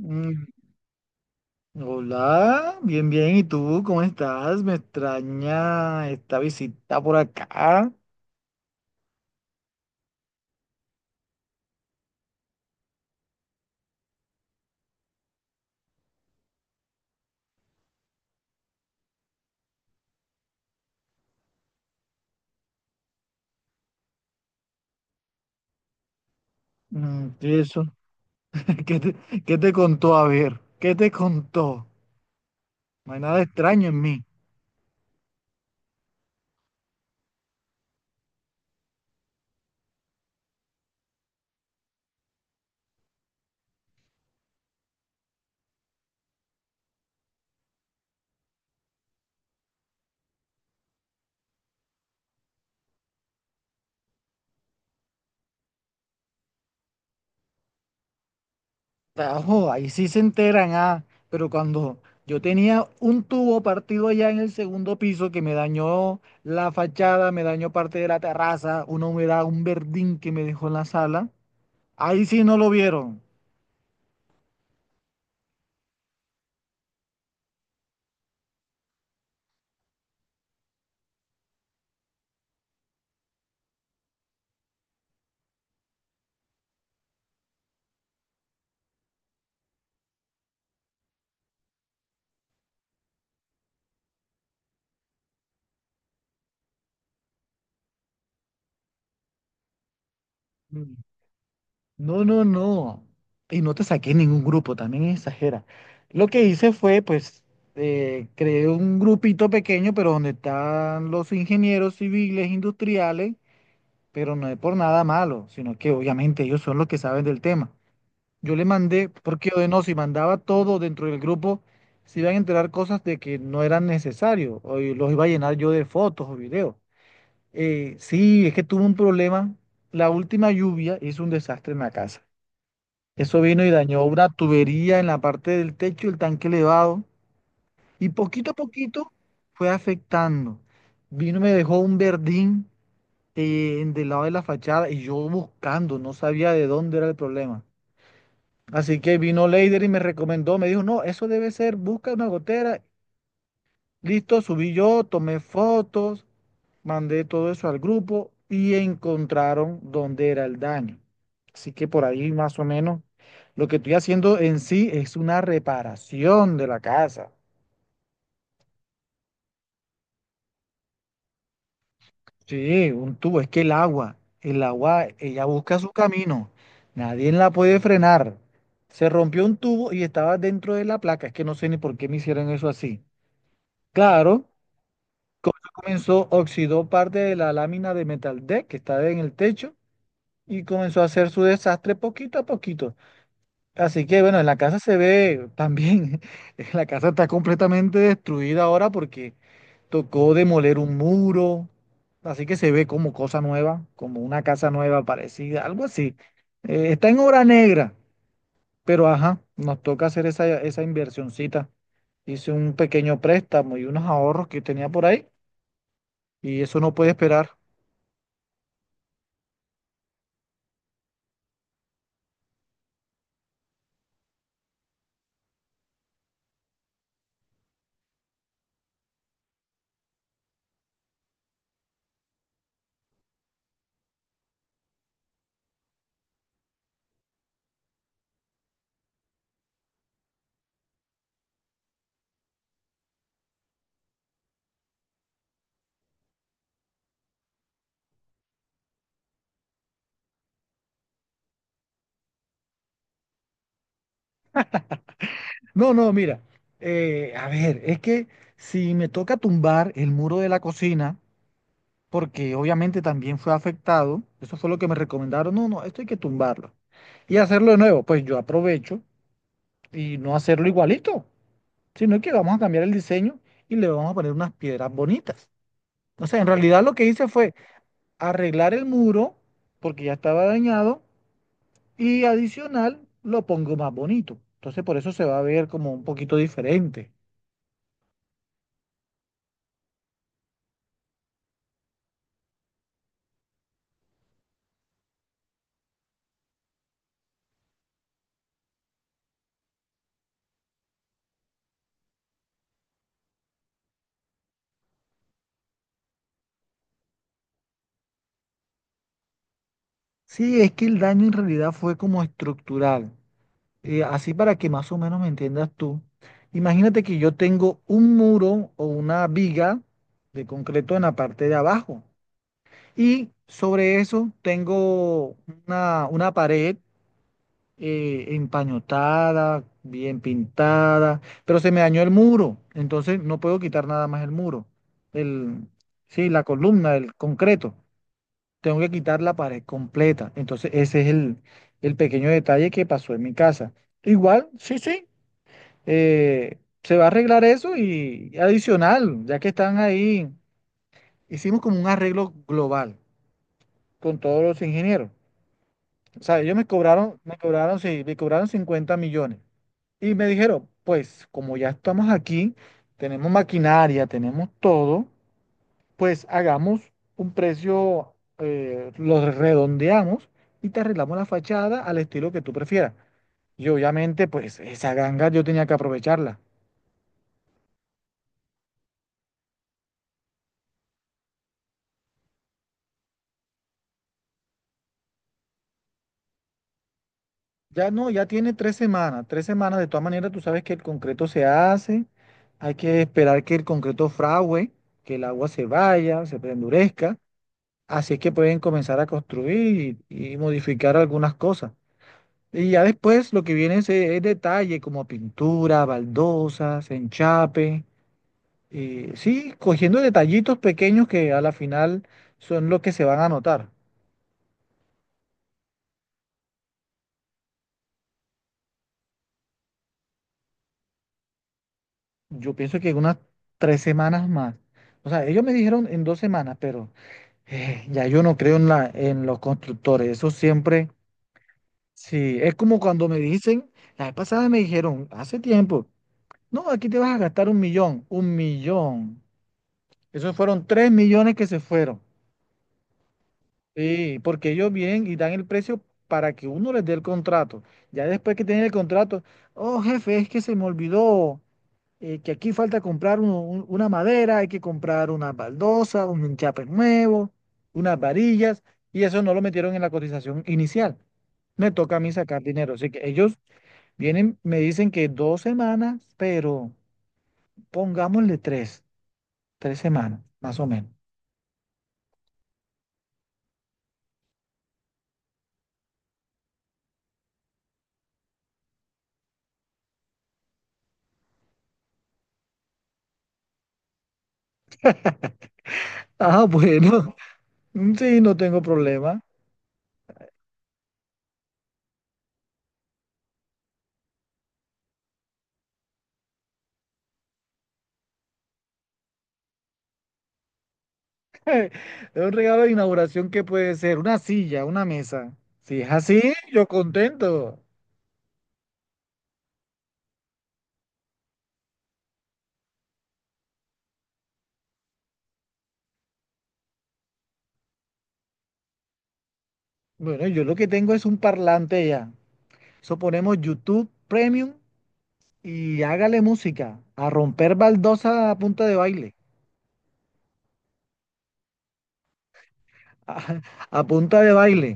Mm. Hola, bien, bien. ¿Y tú cómo estás? Me extraña esta visita por acá. Mm, ¿y eso? ¿Qué te, qué te contó? A ver, ¿qué te contó? No hay nada extraño en mí. Tajo, ahí sí se enteran, ah. Pero cuando yo tenía un tubo partido allá en el segundo piso que me dañó la fachada, me dañó parte de la terraza, una humedad, un verdín que me dejó en la sala, ahí sí no lo vieron. Mm. No, no, no. Y no te saqué ningún grupo, también exagera. Lo que hice fue, pues, creé un grupito pequeño, pero donde están los ingenieros civiles, industriales, pero no es por nada malo, sino que obviamente ellos son los que saben del tema. Yo le mandé, porque de no, si mandaba todo dentro del grupo, se iban a enterar cosas de que no eran necesarios, o y los iba a llenar yo de fotos o videos. Sí, es que tuve un problema. La última lluvia hizo un desastre en la casa. Eso vino y dañó una tubería en la parte del techo, el tanque elevado, y poquito a poquito fue afectando. Vino y me dejó un verdín del lado de la fachada y yo buscando, no sabía de dónde era el problema. Así que vino Leider y me recomendó, me dijo, no, eso debe ser, busca una gotera. Listo, subí yo, tomé fotos, mandé todo eso al grupo y encontraron dónde era el daño. Así que por ahí más o menos lo que estoy haciendo en sí es una reparación de la casa. Sí, un tubo, es que el agua, ella busca su camino, nadie la puede frenar. Se rompió un tubo y estaba dentro de la placa, es que no sé ni por qué me hicieron eso así. Claro, comenzó, oxidó parte de la lámina de metal deck que estaba en el techo y comenzó a hacer su desastre poquito a poquito. Así que bueno, en la casa se ve también, la casa está completamente destruida ahora porque tocó demoler un muro, así que se ve como cosa nueva, como una casa nueva parecida, algo así. Está en obra negra, pero ajá, nos toca hacer esa inversioncita. Hice un pequeño préstamo y unos ahorros que tenía por ahí y eso no puede esperar. No, no, mira, a ver, es que si me toca tumbar el muro de la cocina, porque obviamente también fue afectado. Eso fue lo que me recomendaron. No, no, esto hay que tumbarlo y hacerlo de nuevo. Pues yo aprovecho y no hacerlo igualito, sino que vamos a cambiar el diseño y le vamos a poner unas piedras bonitas. O sea, en realidad lo que hice fue arreglar el muro porque ya estaba dañado y adicional lo pongo más bonito. Entonces por eso se va a ver como un poquito diferente. Sí, es que el daño en realidad fue como estructural. Así para que más o menos me entiendas tú, imagínate que yo tengo un muro o una viga de concreto en la parte de abajo y sobre eso tengo una pared empañotada, bien pintada, pero se me dañó el muro, entonces no puedo quitar nada más el muro, el, sí, la columna, el concreto. Tengo que quitar la pared completa. Entonces, ese es el pequeño detalle que pasó en mi casa. Igual, sí, sí se va a arreglar eso y adicional, ya que están ahí, hicimos como un arreglo global con todos los ingenieros. O sea, ellos me cobraron, sí, me cobraron 50 millones. Y me dijeron, pues como ya estamos aquí, tenemos maquinaria, tenemos todo, pues hagamos un precio, lo redondeamos y te arreglamos la fachada al estilo que tú prefieras. Y obviamente, pues esa ganga yo tenía que aprovecharla. Ya no, ya tiene 3 semanas, 3 semanas. De todas maneras, tú sabes que el concreto se hace, hay que esperar que el concreto fragüe, que el agua se vaya, se endurezca. Así es que pueden comenzar a construir y modificar algunas cosas. Y ya después lo que viene es detalle como pintura, baldosas, enchape. Sí, cogiendo detallitos pequeños que a la final son los que se van a notar. Yo pienso que en unas 3 semanas más. O sea, ellos me dijeron en 2 semanas, pero... Ya yo no creo en en los constructores, eso siempre, sí, es como cuando me dicen, la vez pasada me dijeron, hace tiempo, no, aquí te vas a gastar 1 millón, 1 millón, esos fueron 3 millones que se fueron, sí, porque ellos vienen y dan el precio para que uno les dé el contrato, ya después que tienen el contrato, oh jefe, es que se me olvidó, que aquí falta comprar una madera, hay que comprar unas baldosas, un enchape nuevo, unas varillas, y eso no lo metieron en la cotización inicial. Me toca a mí sacar dinero. Así que ellos vienen, me dicen que 2 semanas, pero pongámosle tres semanas, más o menos. Ah, bueno, sí, no tengo problema. Es un regalo de inauguración que puede ser una silla, una mesa. Si es así, yo contento. Bueno, yo lo que tengo es un parlante ya. Eso ponemos YouTube Premium y hágale música. A romper baldosa a punta de baile. A, a punta de baile.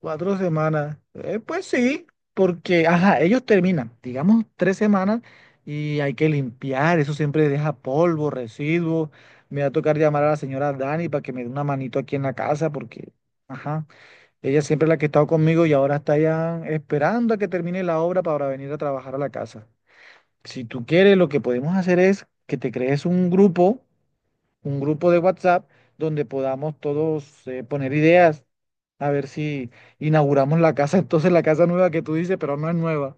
4 semanas. Pues sí, porque, ajá, ellos terminan, digamos, 3 semanas y hay que limpiar. Eso siempre deja polvo, residuos. Me va a tocar llamar a la señora Dani para que me dé una manito aquí en la casa porque, ajá, ella siempre es la que ha estado conmigo y ahora está ya esperando a que termine la obra para venir a trabajar a la casa. Si tú quieres, lo que podemos hacer es que te crees un grupo de WhatsApp, donde podamos todos poner ideas, a ver si inauguramos la casa, entonces la casa nueva que tú dices, pero no es nueva.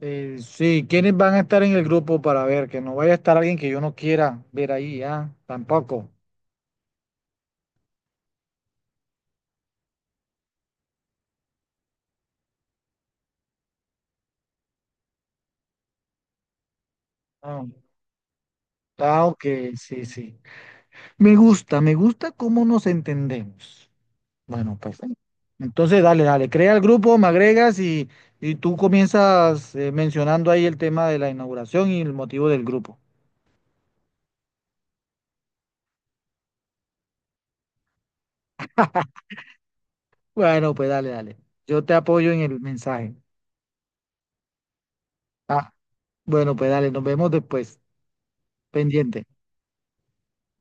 Sí, ¿quiénes van a estar en el grupo para ver? Que no vaya a estar alguien que yo no quiera ver ahí, ah, tampoco. Ah, ah, ok, sí, sí. Me gusta cómo nos entendemos. Bueno, pues, sí. Entonces, dale, dale, crea el grupo, me agregas y tú comienzas mencionando ahí el tema de la inauguración y el motivo del grupo. Bueno, pues dale, dale. Yo te apoyo en el mensaje. Ah, bueno, pues dale, nos vemos después. Pendiente.